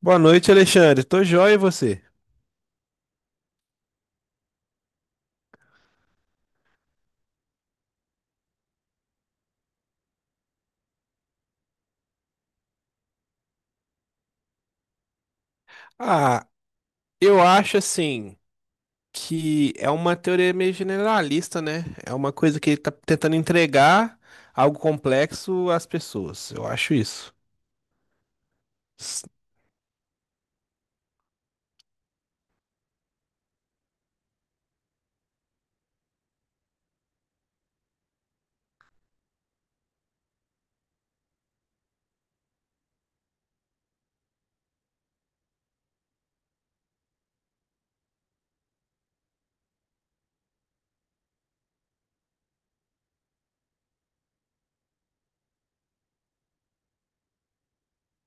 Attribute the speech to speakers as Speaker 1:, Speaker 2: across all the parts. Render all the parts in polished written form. Speaker 1: Boa noite, Alexandre. Tô joia e você? Ah, eu acho assim que é uma teoria meio generalista, né? É uma coisa que ele tá tentando entregar algo complexo às pessoas. Eu acho isso. S-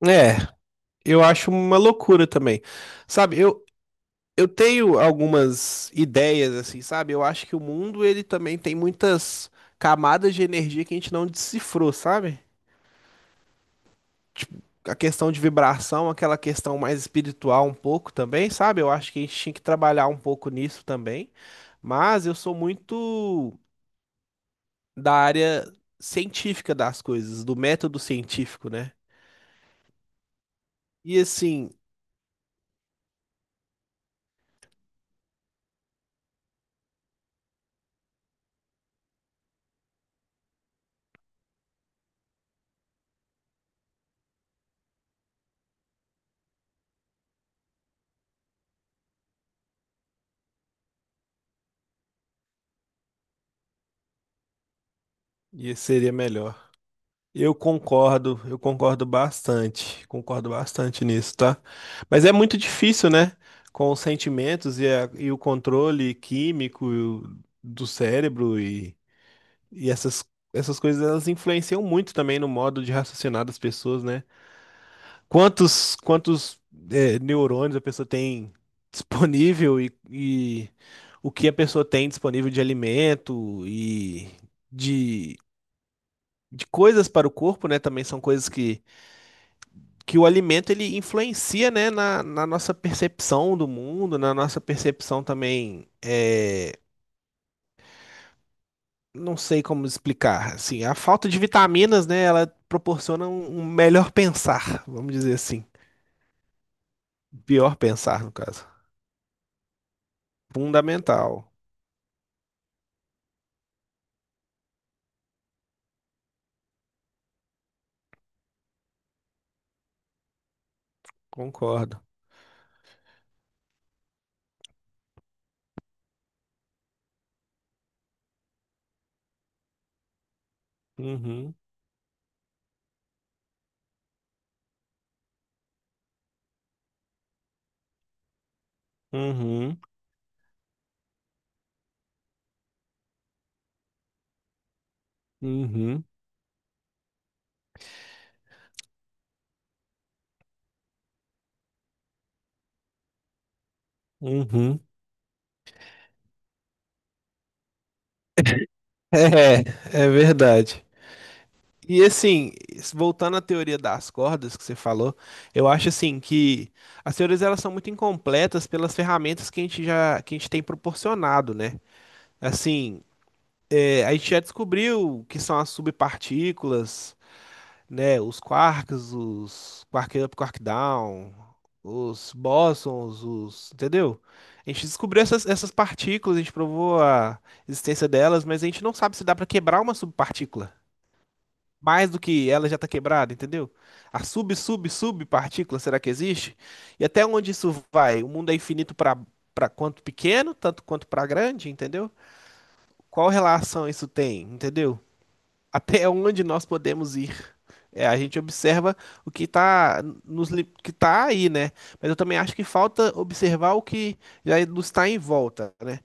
Speaker 1: É, eu acho uma loucura também. Sabe, eu tenho algumas ideias assim, sabe? Eu acho que o mundo ele também tem muitas camadas de energia que a gente não decifrou, sabe? Tipo, a questão de vibração, aquela questão mais espiritual um pouco também, sabe? Eu acho que a gente tinha que trabalhar um pouco nisso também. Mas eu sou muito da área científica das coisas, do método científico, né? E assim, e seria melhor. Eu concordo bastante nisso, tá? Mas é muito difícil, né? Com os sentimentos e, e o controle químico do cérebro e E essas, essas coisas elas influenciam muito também no modo de raciocinar das pessoas, né? Quantos neurônios a pessoa tem disponível e o que a pessoa tem disponível de alimento e de, de coisas para o corpo, né? Também são coisas que o alimento ele influencia, né? Na nossa percepção do mundo, na nossa percepção também. Não sei como explicar. Assim, a falta de vitaminas, né, ela proporciona um melhor pensar, vamos dizer assim. Pior pensar, no caso. Fundamental, concordo. Uhum, uhum, uhum, uhum. É, é verdade. E assim, voltando à teoria das cordas que você falou, eu acho assim que as teorias elas são muito incompletas pelas ferramentas que a gente já que a gente tem proporcionado, né? Assim, É, a gente já descobriu que são as subpartículas, né? Os quarks, os quark up, quark down, os bósons, entendeu? A gente descobriu essas partículas, a gente provou a existência delas, mas a gente não sabe se dá para quebrar uma subpartícula. Mais do que ela já está quebrada, entendeu? A subpartícula, será que existe? E até onde isso vai? O mundo é infinito para quanto pequeno, tanto quanto para grande, entendeu? Qual relação isso tem, entendeu? Até onde nós podemos ir. É, a gente observa o que que tá aí, né? Mas eu também acho que falta observar o que já nos está em volta, né?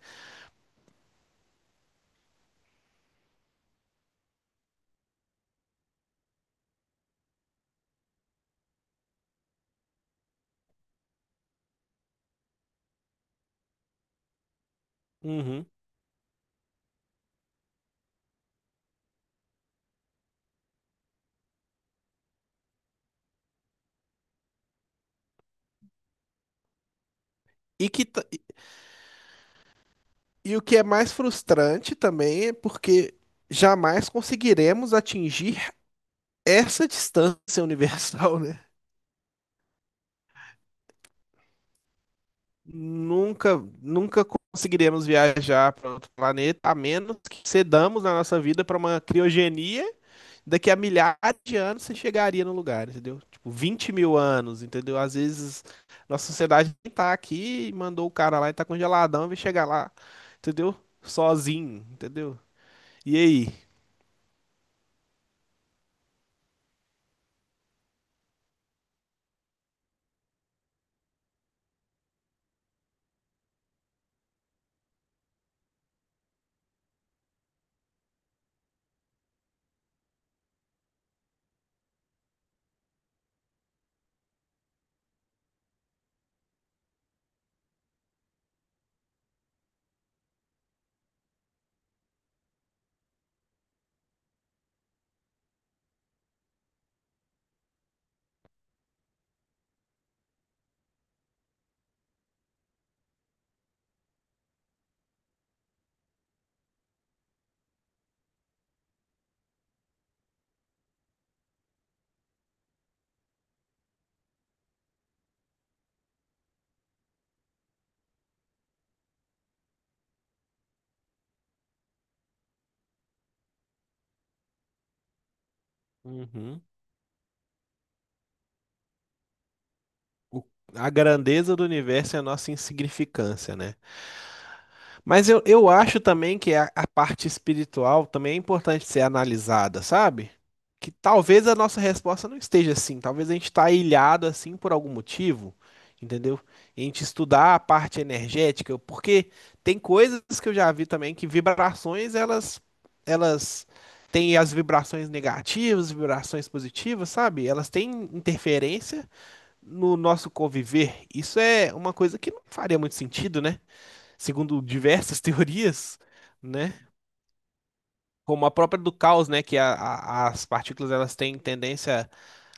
Speaker 1: Uhum. E que ta- e o que é mais frustrante também é porque jamais conseguiremos atingir essa distância universal, né? Nunca conseguiremos viajar para outro planeta, a menos que cedamos a nossa vida para uma criogenia. Daqui a milhares de anos você chegaria no lugar, entendeu? Tipo, 20 mil anos, entendeu? Às vezes nossa sociedade nem tá aqui, e mandou o cara lá e tá congeladão, vai chegar lá, entendeu? Sozinho, entendeu? E aí? Uhum. O- a grandeza do universo é a nossa insignificância, né? Mas eu acho também que a parte espiritual também é importante ser analisada, sabe? Que talvez a nossa resposta não esteja assim, talvez a gente está ilhado assim por algum motivo, entendeu? E a gente estudar a parte energética, porque tem coisas que eu já vi também que vibrações elas têm as vibrações negativas, vibrações positivas, sabe? Elas têm interferência no nosso conviver. Isso é uma coisa que não faria muito sentido, né? Segundo diversas teorias, né? Como a própria do caos, né? Que as partículas elas têm tendência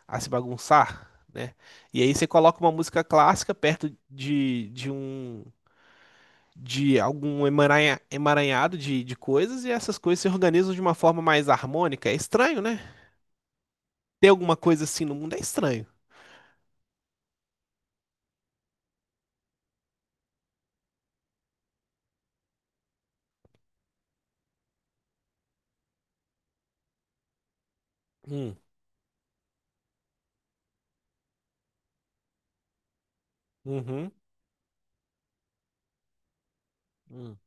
Speaker 1: a se bagunçar, né? E aí você coloca uma música clássica perto de um de algum emaranhado de coisas e essas coisas se organizam de uma forma mais harmônica. É estranho, né? Ter alguma coisa assim no mundo é estranho. Hum, uhum, hum,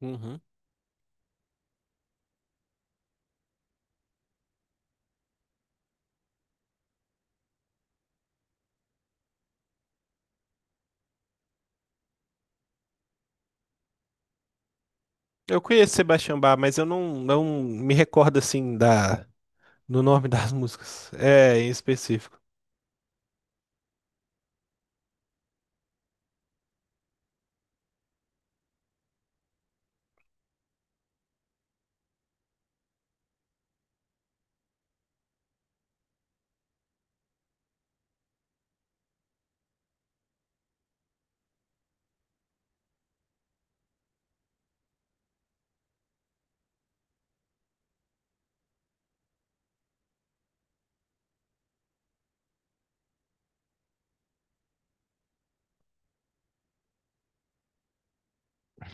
Speaker 1: uhum. Eu conheço Sebastião Bach, mas eu não me recordo assim do nome das músicas. É, em específico.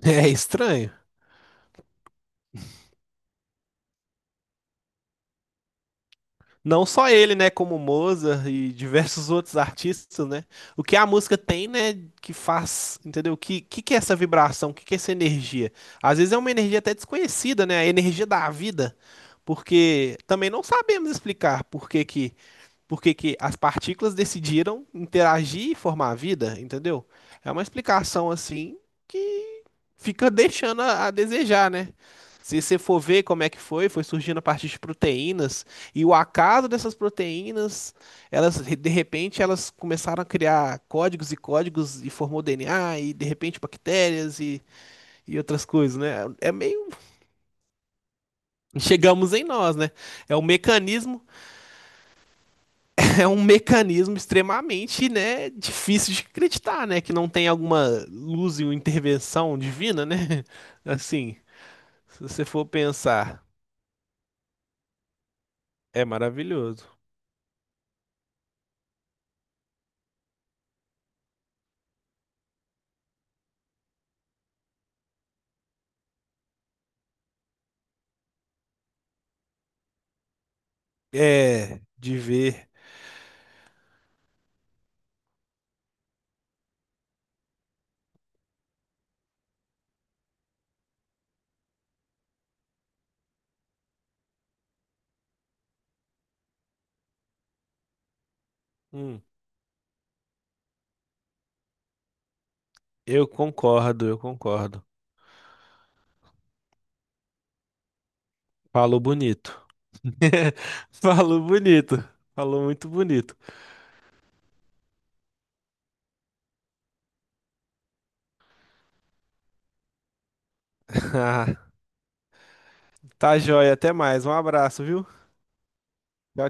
Speaker 1: É estranho. Não só ele, né, como Mozart e diversos outros artistas, né? O que a música tem, né, que faz, entendeu? Que é essa vibração? O que que é essa energia? Às vezes é uma energia até desconhecida, né? A energia da vida, porque também não sabemos explicar porque que as partículas decidiram interagir e formar a vida, entendeu? É uma explicação assim que fica deixando a desejar, né? Se você for ver como é que foi, foi surgindo a partir de proteínas e o acaso dessas proteínas, elas de repente elas começaram a criar códigos e códigos e formou DNA e de repente bactérias e outras coisas, né? É meio Chegamos em nós, né? É o mecanismo É um mecanismo extremamente, né, difícil de acreditar, né, que não tem alguma luz e uma intervenção divina, né? Assim, se você for pensar, é maravilhoso. É, de ver. Hum, eu concordo, eu concordo. Falou bonito. Falou bonito. Falou muito bonito. Ah, tá joia, até mais. Um abraço, viu? Tchau.